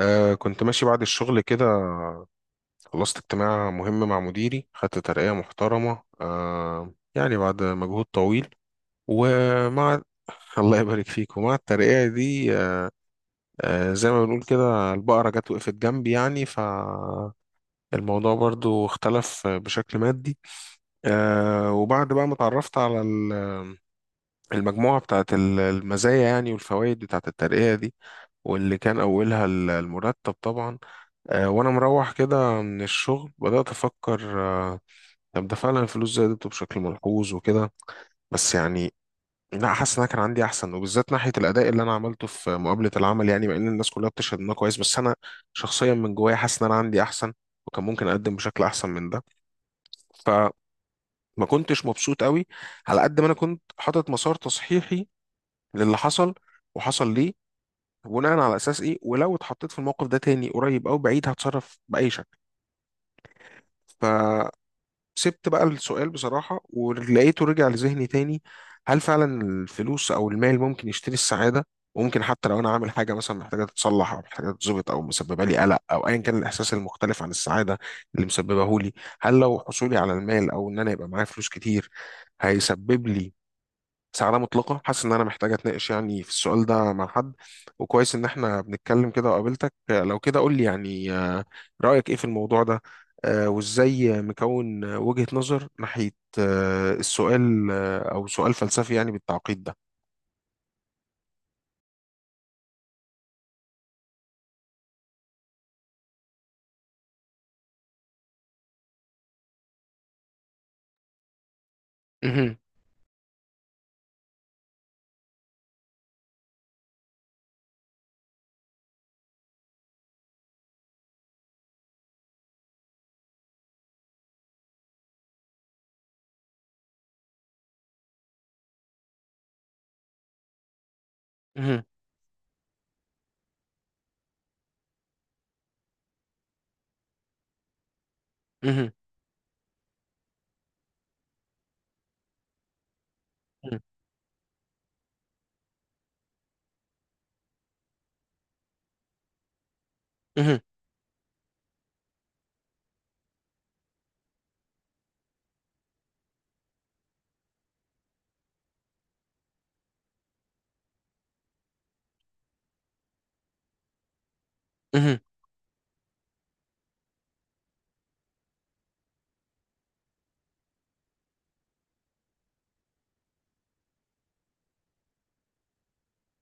كنت ماشي بعد الشغل كده. خلصت اجتماع مهم مع مديري، خدت ترقية محترمة يعني بعد مجهود طويل. ومع الله يبارك فيك. ومع الترقية دي زي ما بنقول كده البقرة جت وقفت جنبي يعني، فالموضوع برضو اختلف بشكل مادي. وبعد بقى ما اتعرفت على المجموعة بتاعت المزايا يعني والفوائد بتاعت الترقية دي، واللي كان أولها المرتب طبعا. وانا مروح كده من الشغل بدأت افكر، طب ده فعلا الفلوس زادت بشكل ملحوظ وكده، بس يعني لا، حاسس ان انا كان عندي احسن، وبالذات ناحية الاداء اللي انا عملته في مقابلة العمل، يعني مع ان الناس كلها بتشهد ان انا كويس، بس انا شخصيا من جوايا حاسس ان انا عندي احسن وكان ممكن اقدم بشكل احسن من ده. فما كنتش مبسوط قوي، على قد ما انا كنت حاطط مسار تصحيحي للي حصل وحصل ليه، بناء على اساس ايه، ولو اتحطيت في الموقف ده تاني قريب او بعيد هتصرف باي شكل. سبت بقى السؤال بصراحة ولقيته رجع لذهني تاني، هل فعلا الفلوس أو المال ممكن يشتري السعادة؟ وممكن حتى لو أنا عامل حاجة مثلا محتاجة تتصلح أو محتاجة تتظبط أو مسببة لي قلق أو أيا كان الإحساس المختلف عن السعادة اللي مسببه لي، هل لو حصولي على المال أو إن أنا يبقى معايا فلوس كتير هيسبب لي سعادة مطلقة؟ حاسس إن أنا محتاج أتناقش يعني في السؤال ده مع حد، وكويس إن إحنا بنتكلم كده وقابلتك. لو كده قول لي يعني، رأيك إيه في الموضوع ده؟ وإزاي مكون وجهة نظر ناحية السؤال، أو سؤال فلسفي يعني بالتعقيد ده؟ مهم، مهم، مهم، مهم، مهم، مهم،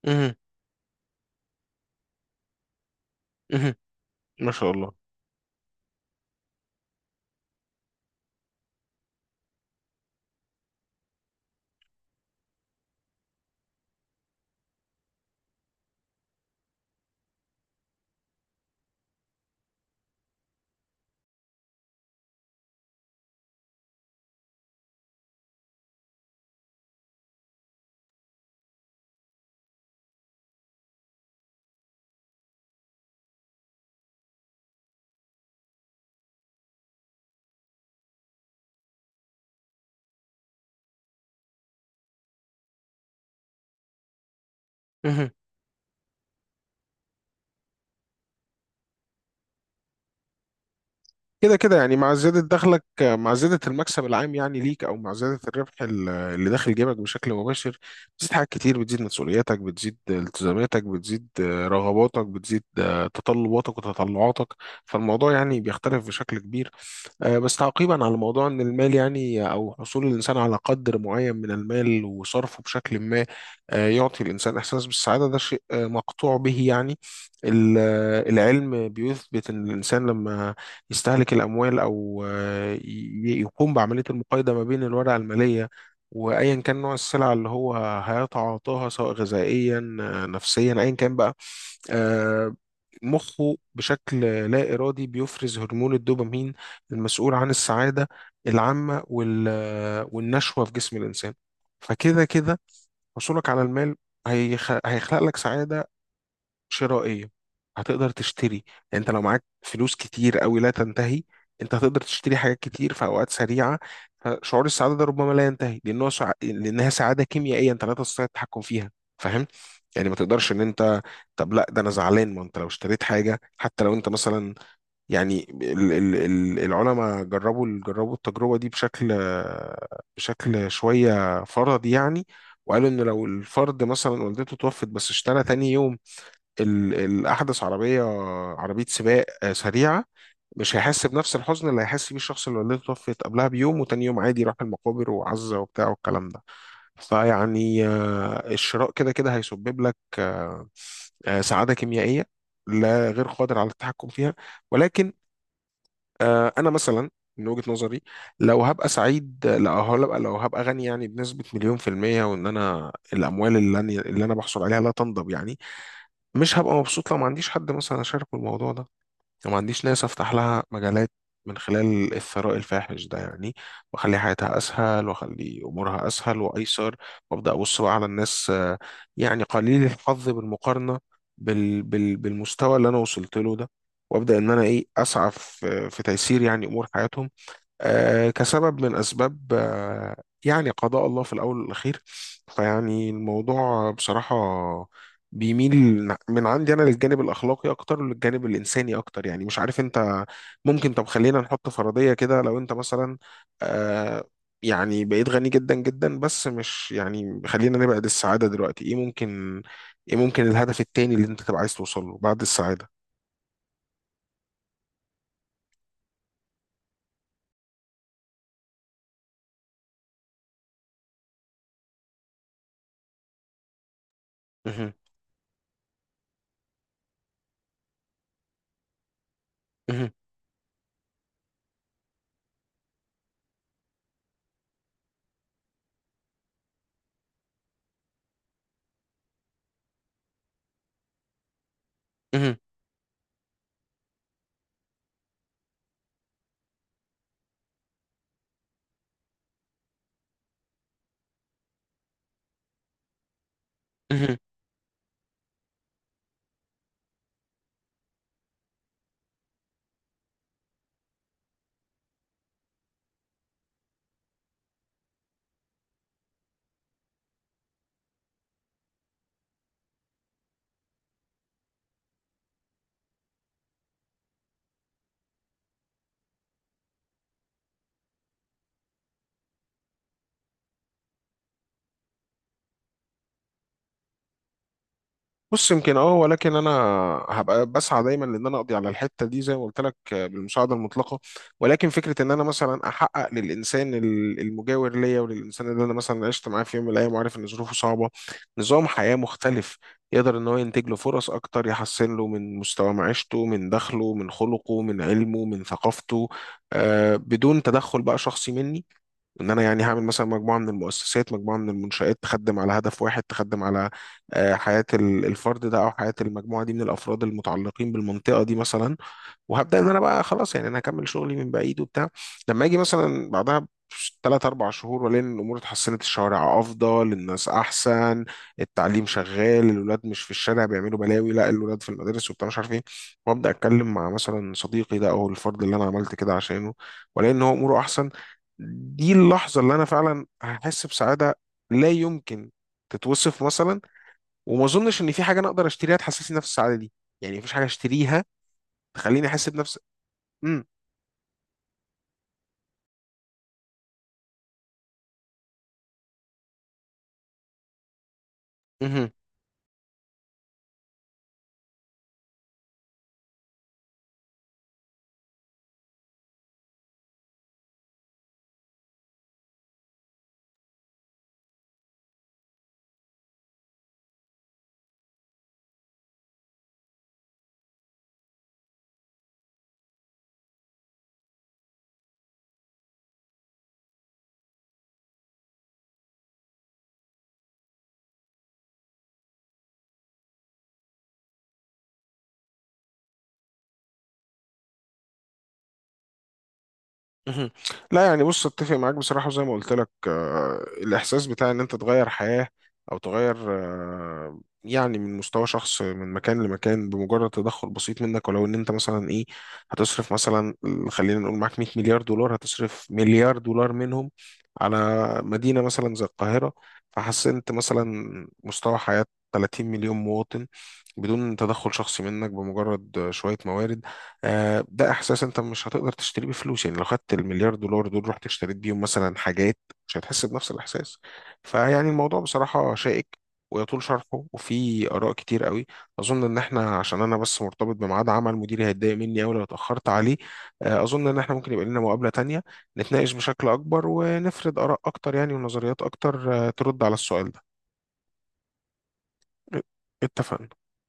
مهم، مهم. ما شاء الله. كده كده يعني مع زيادة دخلك، مع زيادة المكسب العام يعني ليك، أو مع زيادة الربح اللي داخل جيبك بشكل مباشر، بتزيد حاجات كتير، بتزيد مسؤولياتك، بتزيد التزاماتك، بتزيد رغباتك، بتزيد تطلباتك وتطلعاتك. فالموضوع يعني بيختلف بشكل كبير. بس تعقيبا على موضوع ان المال يعني او حصول الانسان على قدر معين من المال وصرفه بشكل ما، يعطي الانسان احساس بالسعاده، ده شيء مقطوع به يعني. العلم بيثبت ان الانسان لما يستهلك الاموال او يقوم بعمليه المقايضه ما بين الورقه الماليه وايا كان نوع السلعه اللي هو هيتعاطاها، سواء غذائيا نفسيا ايا كان بقى، آه، مخه بشكل لا إرادي بيفرز هرمون الدوبامين المسؤول عن السعادة العامة والنشوة في جسم الإنسان. فكده كده حصولك على المال هيخلق لك سعادة شرائية، هتقدر تشتري. يعني انت لو معاك فلوس كتير قوي لا تنتهي، انت هتقدر تشتري حاجات كتير في اوقات سريعه. فشعور السعاده ده ربما لا ينتهي، لانها سعاده كيميائيه انت لا تستطيع التحكم فيها. فاهم؟ يعني ما تقدرش ان انت، طب لا ده انا زعلان، ما انت لو اشتريت حاجه حتى لو انت مثلا، يعني العلماء جربوا التجربة دي بشكل شوية فرضي يعني. وقالوا إن لو الفرد مثلا والدته توفت، بس اشترى تاني يوم الأحدث عربية، عربية سباق سريعة، مش هيحس بنفس الحزن اللي هيحس بيه الشخص اللي والدته توفت قبلها بيوم وتاني يوم عادي راح المقابر وعزة وبتاع والكلام ده. فيعني الشراء كده كده هيسبب لك سعادة كيميائية لا، غير قادر على التحكم فيها. ولكن انا مثلا من وجهة نظري، لو هبقى سعيد، لو هبقى غني يعني، بنسبة مليون في المية، وان انا الاموال اللي انا بحصل عليها لا تنضب يعني، مش هبقى مبسوط لو ما عنديش حد مثلا اشاركه الموضوع ده وما عنديش ناس افتح لها مجالات من خلال الثراء الفاحش ده يعني، واخلي حياتها اسهل واخلي امورها اسهل وايسر، وابدا ابص بقى على الناس يعني قليل الحظ بالمقارنه بالمستوى اللي انا وصلت له ده، وابدا ان انا ايه اسعى في تيسير يعني امور حياتهم. كسبب من أسباب يعني قضاء الله في الأول والأخير. فيعني الموضوع بصراحة بيميل من عندي أنا للجانب الأخلاقي أكتر وللجانب الإنساني أكتر. يعني مش عارف أنت، ممكن طب خلينا نحط فرضية كده، لو أنت مثلا آه، يعني بقيت غني جدا جدا بس مش يعني، خلينا نبعد السعادة دلوقتي، إيه ممكن الهدف التاني اللي أنت تبقى عايز توصل له بعد السعادة؟ مهم. مهم. مهم. بص يمكن اه، ولكن انا هبقى بسعى دايما لان انا اقضي على الحته دي زي ما قلت لك بالمساعده المطلقه، ولكن فكره ان انا مثلا احقق للانسان المجاور ليا، وللانسان اللي انا مثلا عشت معاه في يوم من الايام وعارف ان ظروفه صعبه، نظام حياه مختلف، يقدر ان هو ينتج له فرص اكتر يحسن له من مستوى معيشته من دخله من خلقه من علمه من ثقافته، آه بدون تدخل بقى شخصي مني، ان انا يعني هعمل مثلا مجموعه من المؤسسات، مجموعه من المنشآت تخدم على هدف واحد، تخدم على حياه الفرد ده او حياه المجموعه دي من الافراد المتعلقين بالمنطقه دي مثلا. وهبدا ان انا بقى خلاص يعني، انا هكمل شغلي من بعيد وبتاع، لما اجي مثلا بعدها ثلاث اربع شهور والاقي ان الامور اتحسنت، الشوارع افضل، الناس احسن، التعليم شغال، الولاد مش في الشارع بيعملوا بلاوي، لا الولاد في المدارس وبتاع مش عارف ايه، وابدا اتكلم مع مثلا صديقي ده او الفرد اللي انا عملت كده عشانه والاقي ان هو اموره احسن، دي اللحظه اللي انا فعلا هحس بسعاده لا يمكن تتوصف مثلا، وما اظنش ان في حاجه انا اقدر اشتريها تحسسني نفس السعاده دي، يعني مفيش حاجه اشتريها تخليني احس بنفس. مم. مهم. مهم. لا يعني بص، اتفق معاك بصراحة، وزي ما قلت لك الإحساس بتاع إن أنت تغير حياة أو تغير يعني من مستوى شخص من مكان لمكان بمجرد تدخل بسيط منك، ولو إن أنت مثلا إيه هتصرف مثلا، خلينا نقول معاك 100 مليار دولار، هتصرف مليار دولار منهم على مدينة مثلا زي القاهرة، فحسنت مثلا مستوى حياة 30 مليون مواطن بدون تدخل شخصي منك بمجرد شوية موارد، ده إحساس أنت مش هتقدر تشتريه بفلوس. يعني لو خدت المليار دولار دول رحت اشتريت بيهم مثلا حاجات، مش هتحس بنفس الإحساس. فيعني الموضوع بصراحة شائك، ويطول شرحه وفي آراء كتير قوي. أظن إن إحنا، عشان أنا بس مرتبط بميعاد عمل، مديري هيتضايق مني أوي لو اتأخرت عليه، أظن إن إحنا ممكن يبقى لنا مقابلة تانية، نتناقش بشكل أكبر ونفرد آراء أكتر يعني، ونظريات أكتر ترد على السؤال ده. اتفقنا.